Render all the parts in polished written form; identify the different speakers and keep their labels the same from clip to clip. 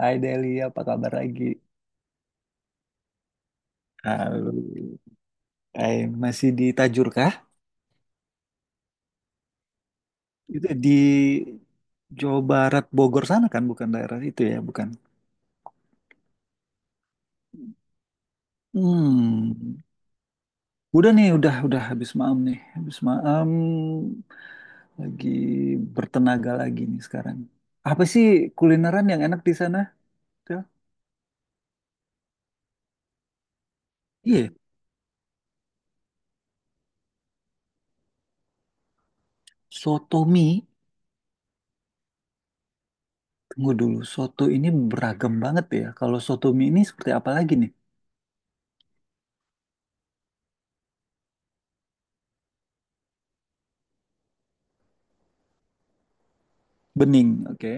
Speaker 1: Hai Deli, apa kabar lagi? Halo. Hai, masih di Tajur kah? Itu di Jawa Barat, Bogor sana kan, bukan daerah itu ya, bukan? Hmm. Udah nih, udah habis maam nih. Habis maam lagi bertenaga lagi nih sekarang. Apa sih kulineran yang enak di sana? Del? Iya, soto mie. Tunggu dulu, soto ini beragam banget ya. Kalau soto mie ini seperti apa lagi nih? Bening, oke.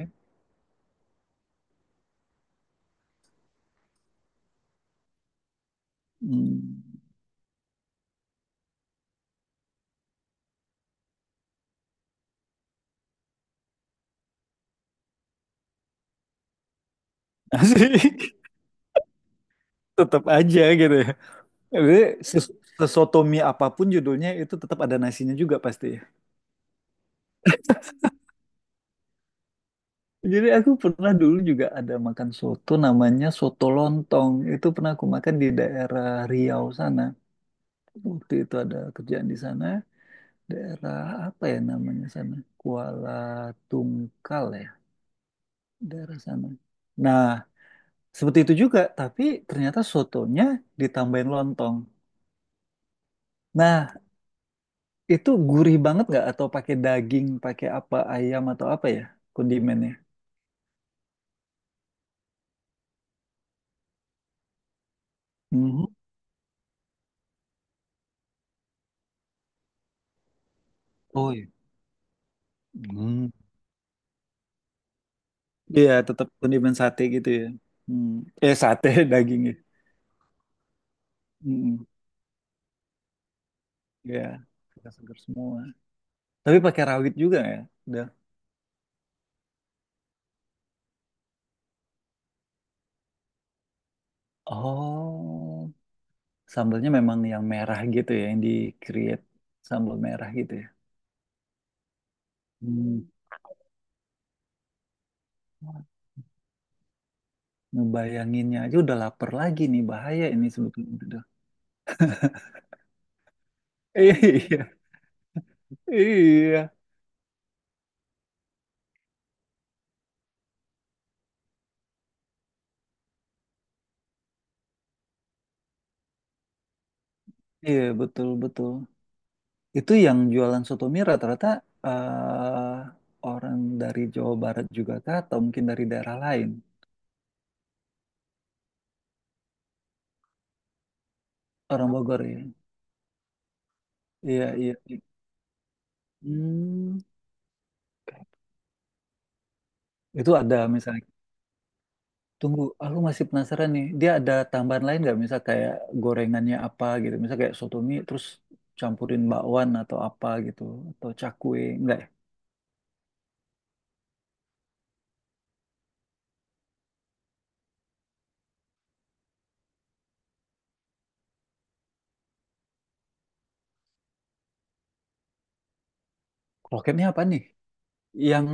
Speaker 1: Hmm. Asik. Tetap aja gitu ya. Jadi ses- sesoto mie apapun judulnya itu tetap ada nasinya juga pasti. Jadi aku pernah dulu juga ada makan soto namanya soto lontong. Itu pernah aku makan di daerah Riau sana. Waktu itu ada kerjaan di sana. Daerah apa ya namanya sana? Kuala Tungkal ya. Daerah sana. Nah, seperti itu juga. Tapi ternyata sotonya ditambahin lontong. Nah, itu gurih banget nggak? Atau pakai daging, pakai apa, ayam atau apa ya kondimennya? Mhm. Oh iya. Hmm. Iya, tetap kondimen sate gitu ya. Hmm. Sate dagingnya. Hmm. Ya, segar semua. Tapi pakai rawit juga ya? Udah. Oh, sambalnya memang yang merah gitu ya, yang di create sambal merah gitu ya. Hmm. Ngebayanginnya aja udah lapar lagi nih, bahaya ini sebetulnya. Udah. Iya, iya, iya, betul betul. Itu yang jualan soto mie rata-rata eh, orang dari Jawa Barat juga kah atau mungkin dari daerah lain? Orang Bogor ya. Iya, iya, iya. Hmm. Oke. Itu ada misalnya. Tunggu, aku masih penasaran nih. Dia ada tambahan lain nggak? Misal kayak gorengannya apa gitu. Misal kayak soto mie terus campurin bakwan atau apa gitu. Atau cakwe. Enggak ya? Kroketnya apa nih? Yang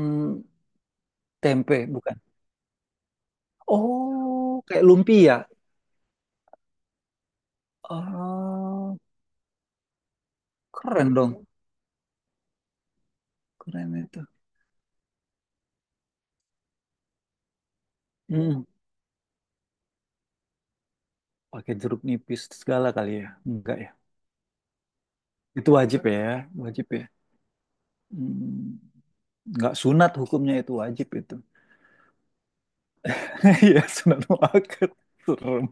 Speaker 1: tempe, bukan? Oh, kayak lumpia. Oh, keren dong. Keren itu. Hmm, pakai jeruk nipis segala kali ya? Enggak ya? Itu wajib ya, wajib ya. Hmm, enggak sunat hukumnya, itu wajib itu. Iya, sunat muakkad. Serem.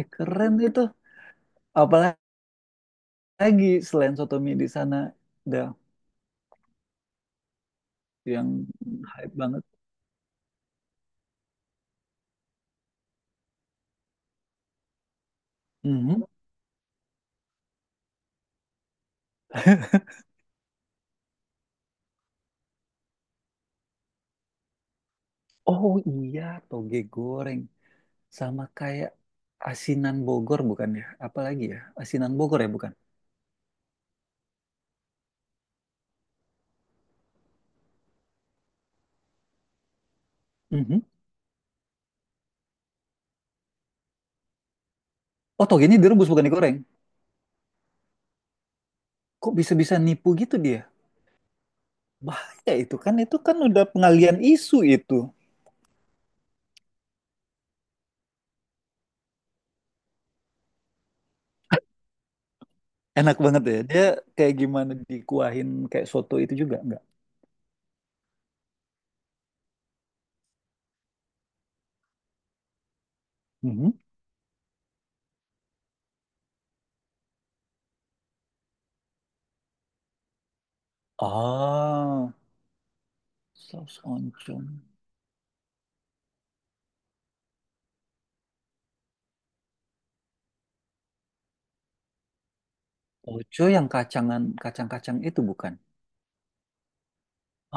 Speaker 1: Eh, keren itu. Apalagi selain soto sotomi di sana, dah yang hype banget. Mhm. Oh iya, toge goreng sama kayak asinan Bogor bukan ya? Apalagi ya, asinan Bogor ya bukan? Mhm. Oh toge ini direbus bukan digoreng. Kok bisa-bisa nipu gitu dia? Bahaya itu kan udah pengalian isu itu. Enak banget ya, dia kayak gimana dikuahin kayak soto itu juga, enggak? Mhm. Ah, saus oncom. Oco yang kacangan, kacang-kacang itu bukan?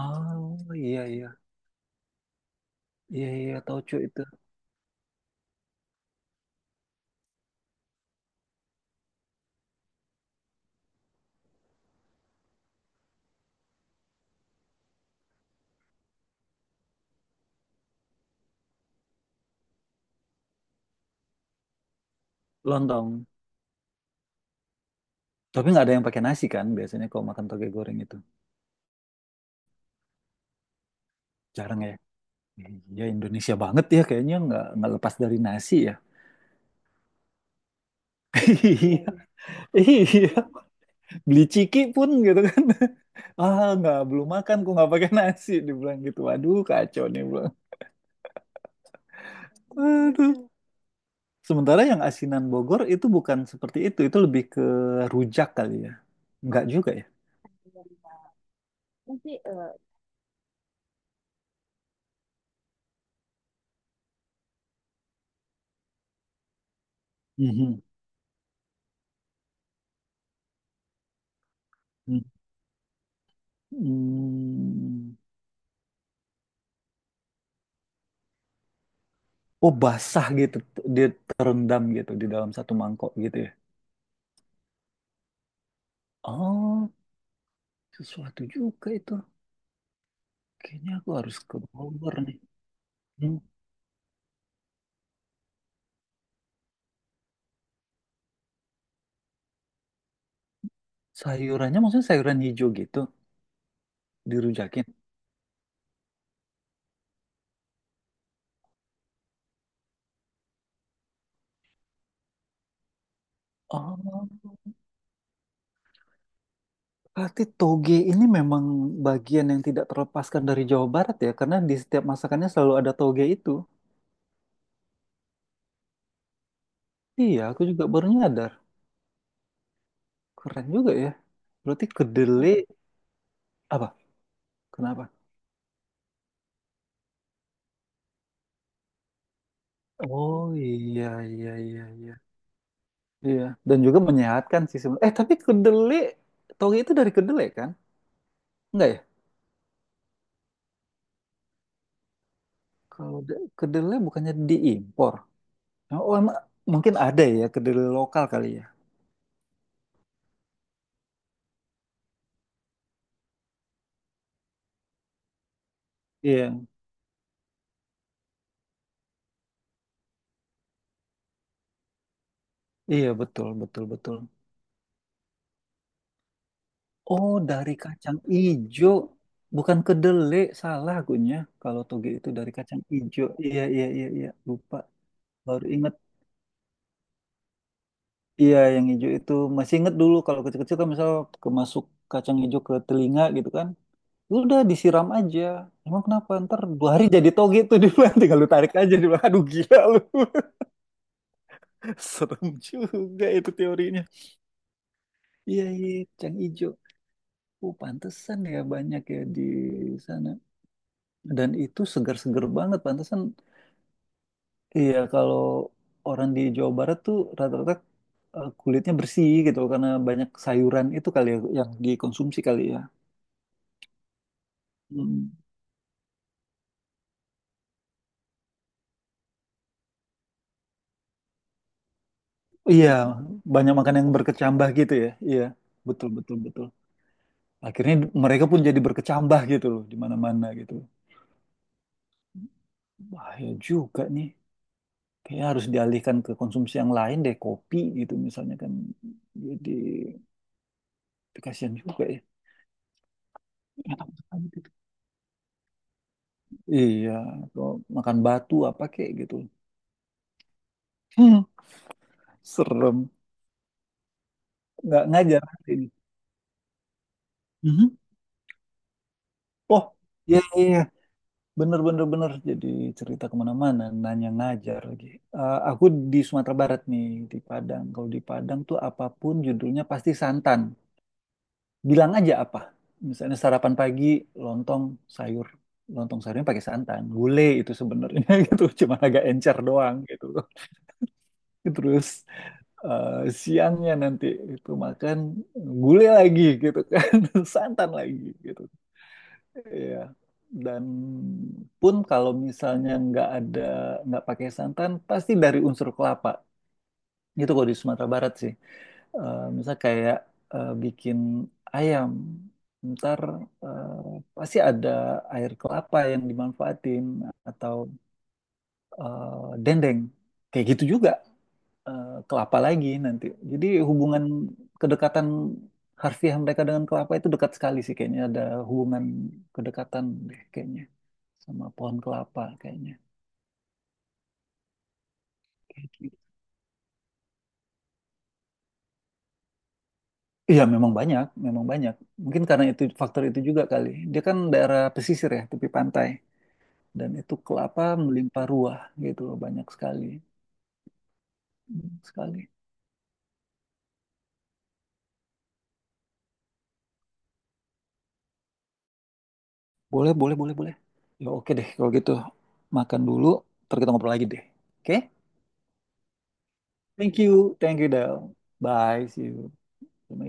Speaker 1: Oh iya iya iya iya, tauco itu lontong. Tapi nggak ada yang pakai nasi kan biasanya kalau makan toge goreng itu jarang ya. Iya Indonesia banget ya kayaknya nggak lepas dari nasi ya. Iya iya, beli ciki pun gitu kan, ah nggak belum makan kok nggak pakai nasi dibilang gitu, waduh kacau nih bilang aduh. Sementara yang asinan Bogor itu bukan seperti itu lebih ke rujak kali ya, nggak juga ya. Mhm. Mhm. Hmm. Oh basah gitu, dia terendam gitu di dalam satu mangkok gitu ya. Oh sesuatu juga itu, kayaknya aku harus ke Bogor nih. Hmm. Sayurannya maksudnya sayuran hijau gitu, dirujakin? Oh. Berarti toge ini memang bagian yang tidak terlepaskan dari Jawa Barat ya, karena di setiap masakannya selalu ada toge itu. Iya, aku juga baru nyadar. Keren juga ya. Berarti kedelai apa? Kenapa? Oh iya iya iya iya. Iya, dan juga menyehatkan sih sebenarnya. Eh, tapi kedelai, toge itu dari kedelai kan? Enggak ya? Kalau kedelai bukannya diimpor. Oh, emang mungkin ada ya kedelai lokal kali ya. Iya, iya betul betul betul. Oh, dari kacang ijo. Bukan kedelai, salah akunya. Kalau toge itu dari kacang ijo. Iya, iya, iya, iya. Lupa. Baru inget. Iya, yang ijo itu. Masih inget dulu kalau kecil-kecil kan misal kemasuk kacang ijo ke telinga gitu kan. Udah disiram aja. Emang kenapa? Ntar 2 hari jadi toge tuh di bulan. Tinggal lu tarik aja. Di bulan. Aduh gila lu. Serem juga itu teorinya. Iya, iya. Kacang ijo. Oh, pantesan ya banyak ya di sana. Dan itu segar-segar banget, pantesan. Iya, kalau orang di Jawa Barat tuh rata-rata kulitnya bersih gitu karena banyak sayuran itu kali ya yang dikonsumsi kali ya. Hmm. Iya, banyak makan yang berkecambah gitu ya. Iya, betul betul betul. Akhirnya mereka pun jadi berkecambah gitu loh di mana-mana gitu. Bahaya juga nih. Kayaknya harus dialihkan ke konsumsi yang lain deh, kopi gitu misalnya kan. Jadi kasihan juga ya. Enak banget gitu. Iya, kalau makan batu apa kek gitu. Hmm, serem. Nggak ngajar ini. Mhm. Oh, iya iya iya. Bener bener bener. Jadi cerita kemana-mana, nanya ngajar lagi. Eh, aku di Sumatera Barat nih, di Padang. Kalau di Padang tuh apapun judulnya pasti santan. Bilang aja apa. Misalnya sarapan pagi, lontong sayur, lontong sayurnya pakai santan. Gulai itu sebenarnya gitu, cuma agak encer doang gitu. Terus eh, siangnya nanti itu makan gulai lagi gitu kan, santan lagi gitu. Iya. Dan pun kalau misalnya nggak ada, nggak pakai santan, pasti dari unsur kelapa. Itu kalau di Sumatera Barat sih. Eh misal kayak bikin ayam, ntar eh, pasti ada air kelapa yang dimanfaatin atau dendeng. Kayak gitu juga kelapa lagi nanti. Jadi hubungan kedekatan harfiah mereka dengan kelapa itu dekat sekali sih kayaknya, ada hubungan kedekatan deh kayaknya sama pohon kelapa kayaknya. Kayak gitu. Iya memang banyak, memang banyak. Mungkin karena itu faktor itu juga kali. Dia kan daerah pesisir ya, tepi pantai dan itu kelapa melimpah ruah gitu loh, banyak sekali. Banyak sekali. Boleh, boleh, boleh, boleh. Ya oke deh kalau gitu. Makan dulu, ntar kita ngobrol lagi deh. Oke? Thank you Del. Bye, see you. Assalamualaikum.